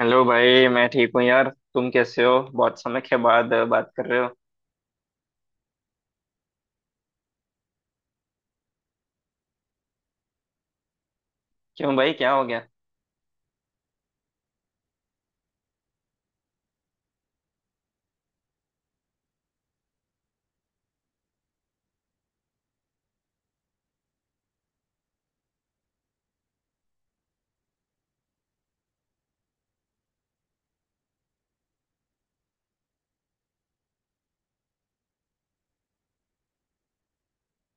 Hello भाई, मैं ठीक हूँ यार। तुम कैसे हो? बहुत समय के बाद बात कर रहे हो। क्यों भाई, क्या हो गया?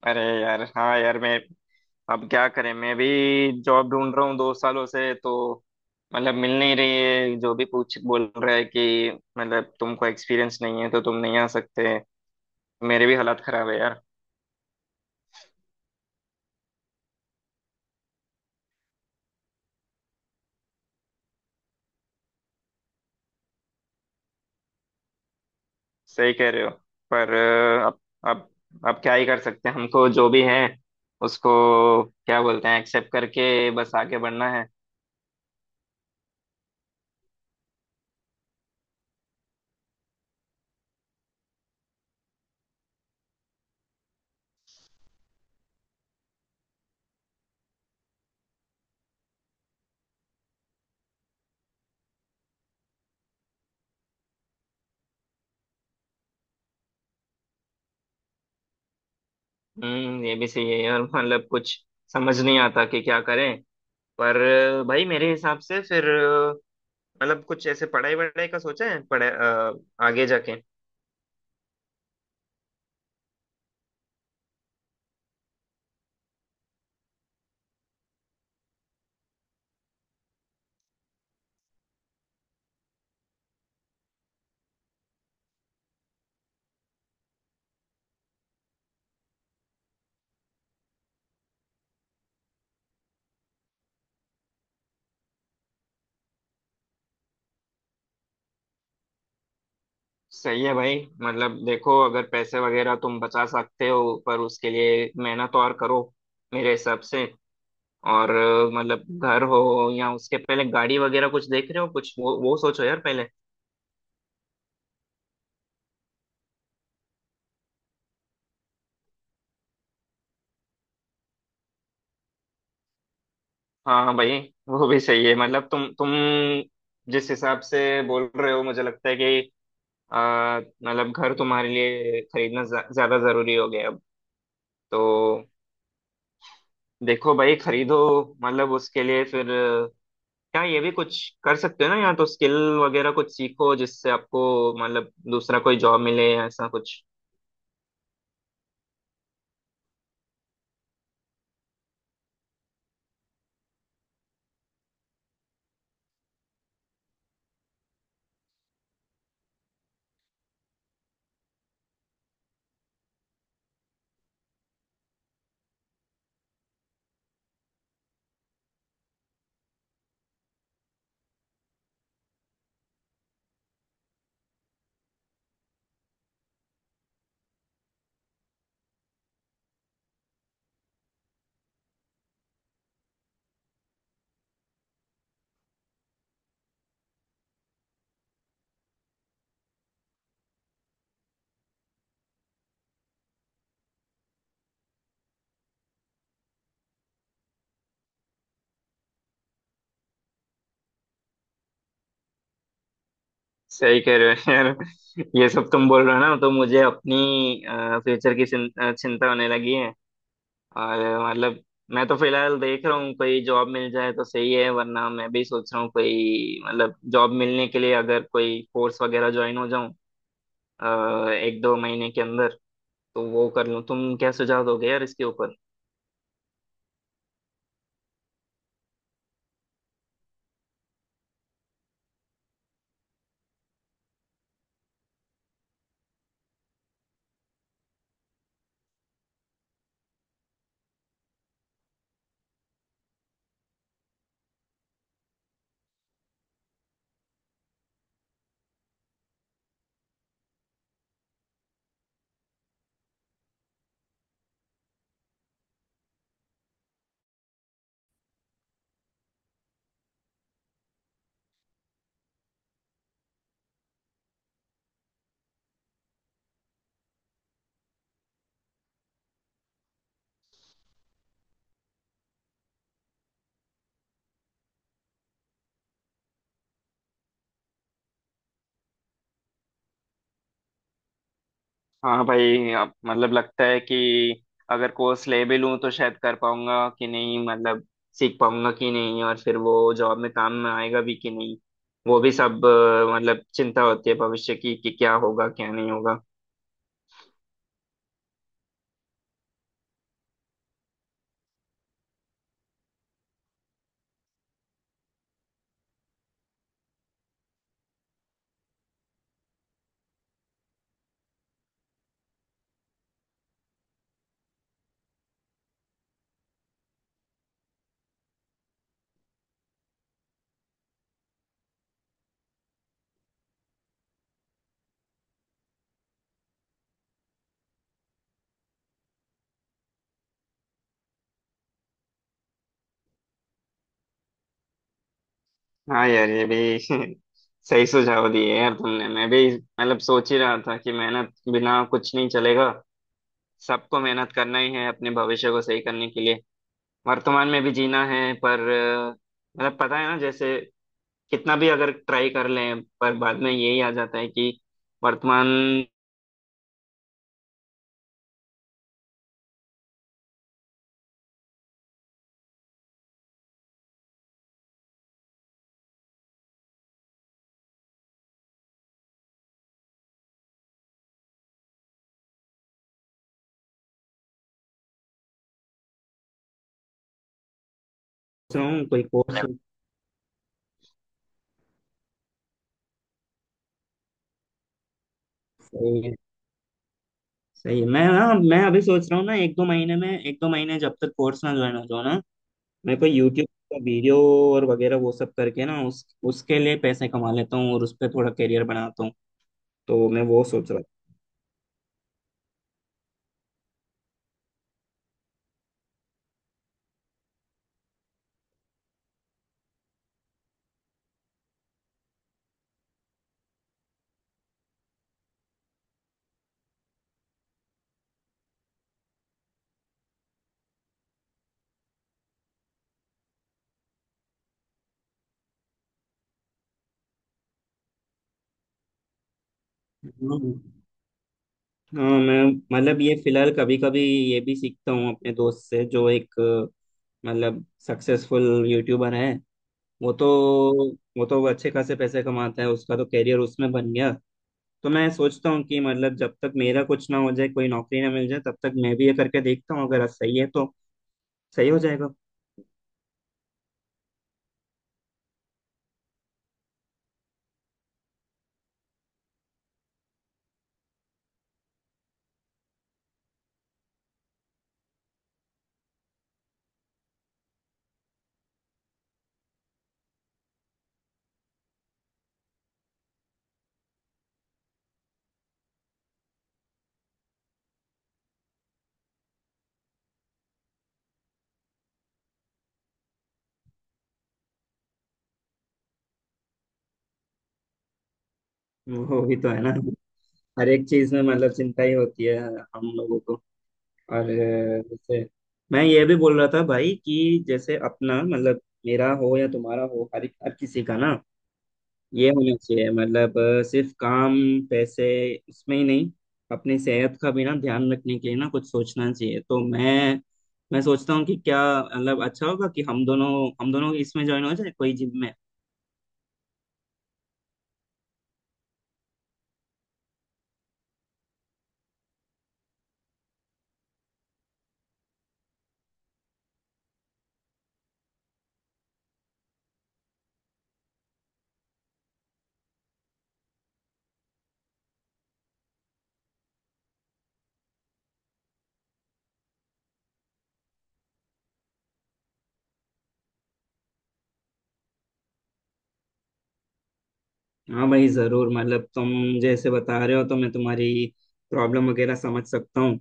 अरे यार, हाँ यार, मैं... अब क्या करें, मैं भी जॉब ढूंढ रहा हूँ 2 सालों से तो मतलब मिल नहीं रही है। जो भी पूछ बोल रहा है कि मतलब तुमको एक्सपीरियंस नहीं है, तो तुम नहीं आ सकते। मेरे भी हालात खराब है यार। सही कह रहे हो। पर अब अब क्या ही कर सकते हैं, हमको जो भी है उसको, क्या बोलते हैं, एक्सेप्ट करके बस आगे बढ़ना है। हम्म। ये भी सही है यार, मतलब कुछ समझ नहीं आता कि क्या करें। पर भाई मेरे हिसाब से फिर मतलब कुछ ऐसे पढ़ाई वढ़ाई का सोचा है आगे जाके? सही है भाई। मतलब देखो, अगर पैसे वगैरह तुम बचा सकते हो, पर उसके लिए मेहनत और करो, मेरे हिसाब से। और मतलब घर हो या उसके पहले गाड़ी वगैरह कुछ देख रहे हो, कुछ वो सोचो यार पहले। हाँ हाँ भाई, वो भी सही है। मतलब तुम जिस हिसाब से बोल रहे हो मुझे लगता है कि मतलब घर तुम्हारे लिए खरीदना ज्यादा जरूरी हो गया अब तो। देखो भाई, खरीदो। मतलब उसके लिए फिर क्या, ये भी कुछ कर सकते हो ना, या तो स्किल वगैरह कुछ सीखो जिससे आपको मतलब दूसरा कोई जॉब मिले या ऐसा कुछ। सही कह रहे हो यार। ये सब तुम बोल रहे हो ना, तो मुझे अपनी फ्यूचर की चिंता होने लगी। और मतलब, मैं तो फिलहाल देख रहा हूँ, कोई जॉब मिल जाए तो सही है, वरना मैं भी सोच रहा हूँ कोई मतलब जॉब मिलने के लिए अगर कोई कोर्स वगैरह ज्वाइन हो जाऊँ 1-2 महीने के अंदर, तो वो कर लूँ। तुम क्या सुझाव दोगे यार इसके ऊपर? हाँ भाई, अब मतलब लगता है कि अगर कोर्स ले भी लूँ तो शायद कर पाऊंगा कि नहीं, मतलब सीख पाऊंगा कि नहीं, और फिर वो जॉब में काम में आएगा भी कि नहीं, वो भी सब मतलब चिंता होती है भविष्य की कि क्या होगा क्या नहीं होगा। हाँ यार, ये भी सही सुझाव दिए यार तुमने। मैं भी मतलब सोच ही रहा था कि मेहनत बिना कुछ नहीं चलेगा। सबको मेहनत करना ही है अपने भविष्य को सही करने के लिए। वर्तमान में भी जीना है, पर मतलब पता है ना जैसे, कितना भी अगर ट्राई कर लें पर बाद में यही आ जाता है कि वर्तमान। सोच रहा हूँ कोई कोर्स। सही है, सही है। मैं अभी सोच रहा हूँ ना, एक दो महीने जब तक कोर्स ना ज्वाइन हो जाओ ना, मैं कोई यूट्यूब का वीडियो और वगैरह वो सब करके ना उस उसके लिए पैसे कमा लेता हूँ और उस पर थोड़ा करियर बनाता हूँ, तो मैं वो सोच रहा था। हम्म। हाँ, मैं मतलब ये फिलहाल कभी कभी ये भी सीखता हूँ अपने दोस्त से जो एक मतलब सक्सेसफुल यूट्यूबर है। वो तो वो तो अच्छे खासे पैसे कमाता है, उसका तो करियर उसमें बन गया। तो मैं सोचता हूँ कि मतलब जब तक मेरा कुछ ना हो जाए, कोई नौकरी ना मिल जाए, तब तक मैं भी ये करके देखता हूँ, अगर सही है तो सही हो जाएगा। वो भी तो है ना, हर एक चीज में मतलब चिंता ही होती है हम लोगों को। और जैसे, मैं ये भी बोल रहा था भाई कि जैसे अपना मतलब मेरा हो या तुम्हारा हो, हर हर किसी का ना ये होना चाहिए, मतलब सिर्फ काम, पैसे, इसमें ही नहीं, अपनी सेहत का भी ना ध्यान रखने के लिए ना कुछ सोचना चाहिए। तो मैं सोचता हूँ कि क्या मतलब अच्छा होगा कि हम दोनों इसमें ज्वाइन हो जाए कोई जिम में? हाँ भाई जरूर। मतलब तुम जैसे बता रहे हो, तो मैं तुम्हारी प्रॉब्लम वगैरह समझ सकता हूँ,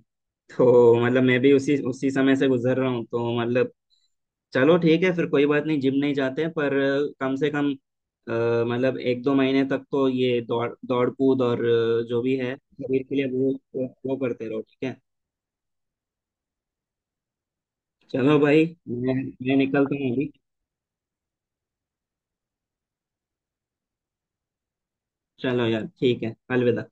तो मतलब मैं भी उसी उसी समय से गुजर रहा हूँ तो मतलब। चलो ठीक है फिर, कोई बात नहीं, जिम नहीं जाते, पर कम से कम मतलब 1-2 महीने तक तो ये दौड़ दौड़ कूद और जो भी है शरीर के लिए, वो करते रहो, ठीक है? चलो भाई, मैं निकलता हूँ अभी। चलो यार, ठीक है, अलविदा।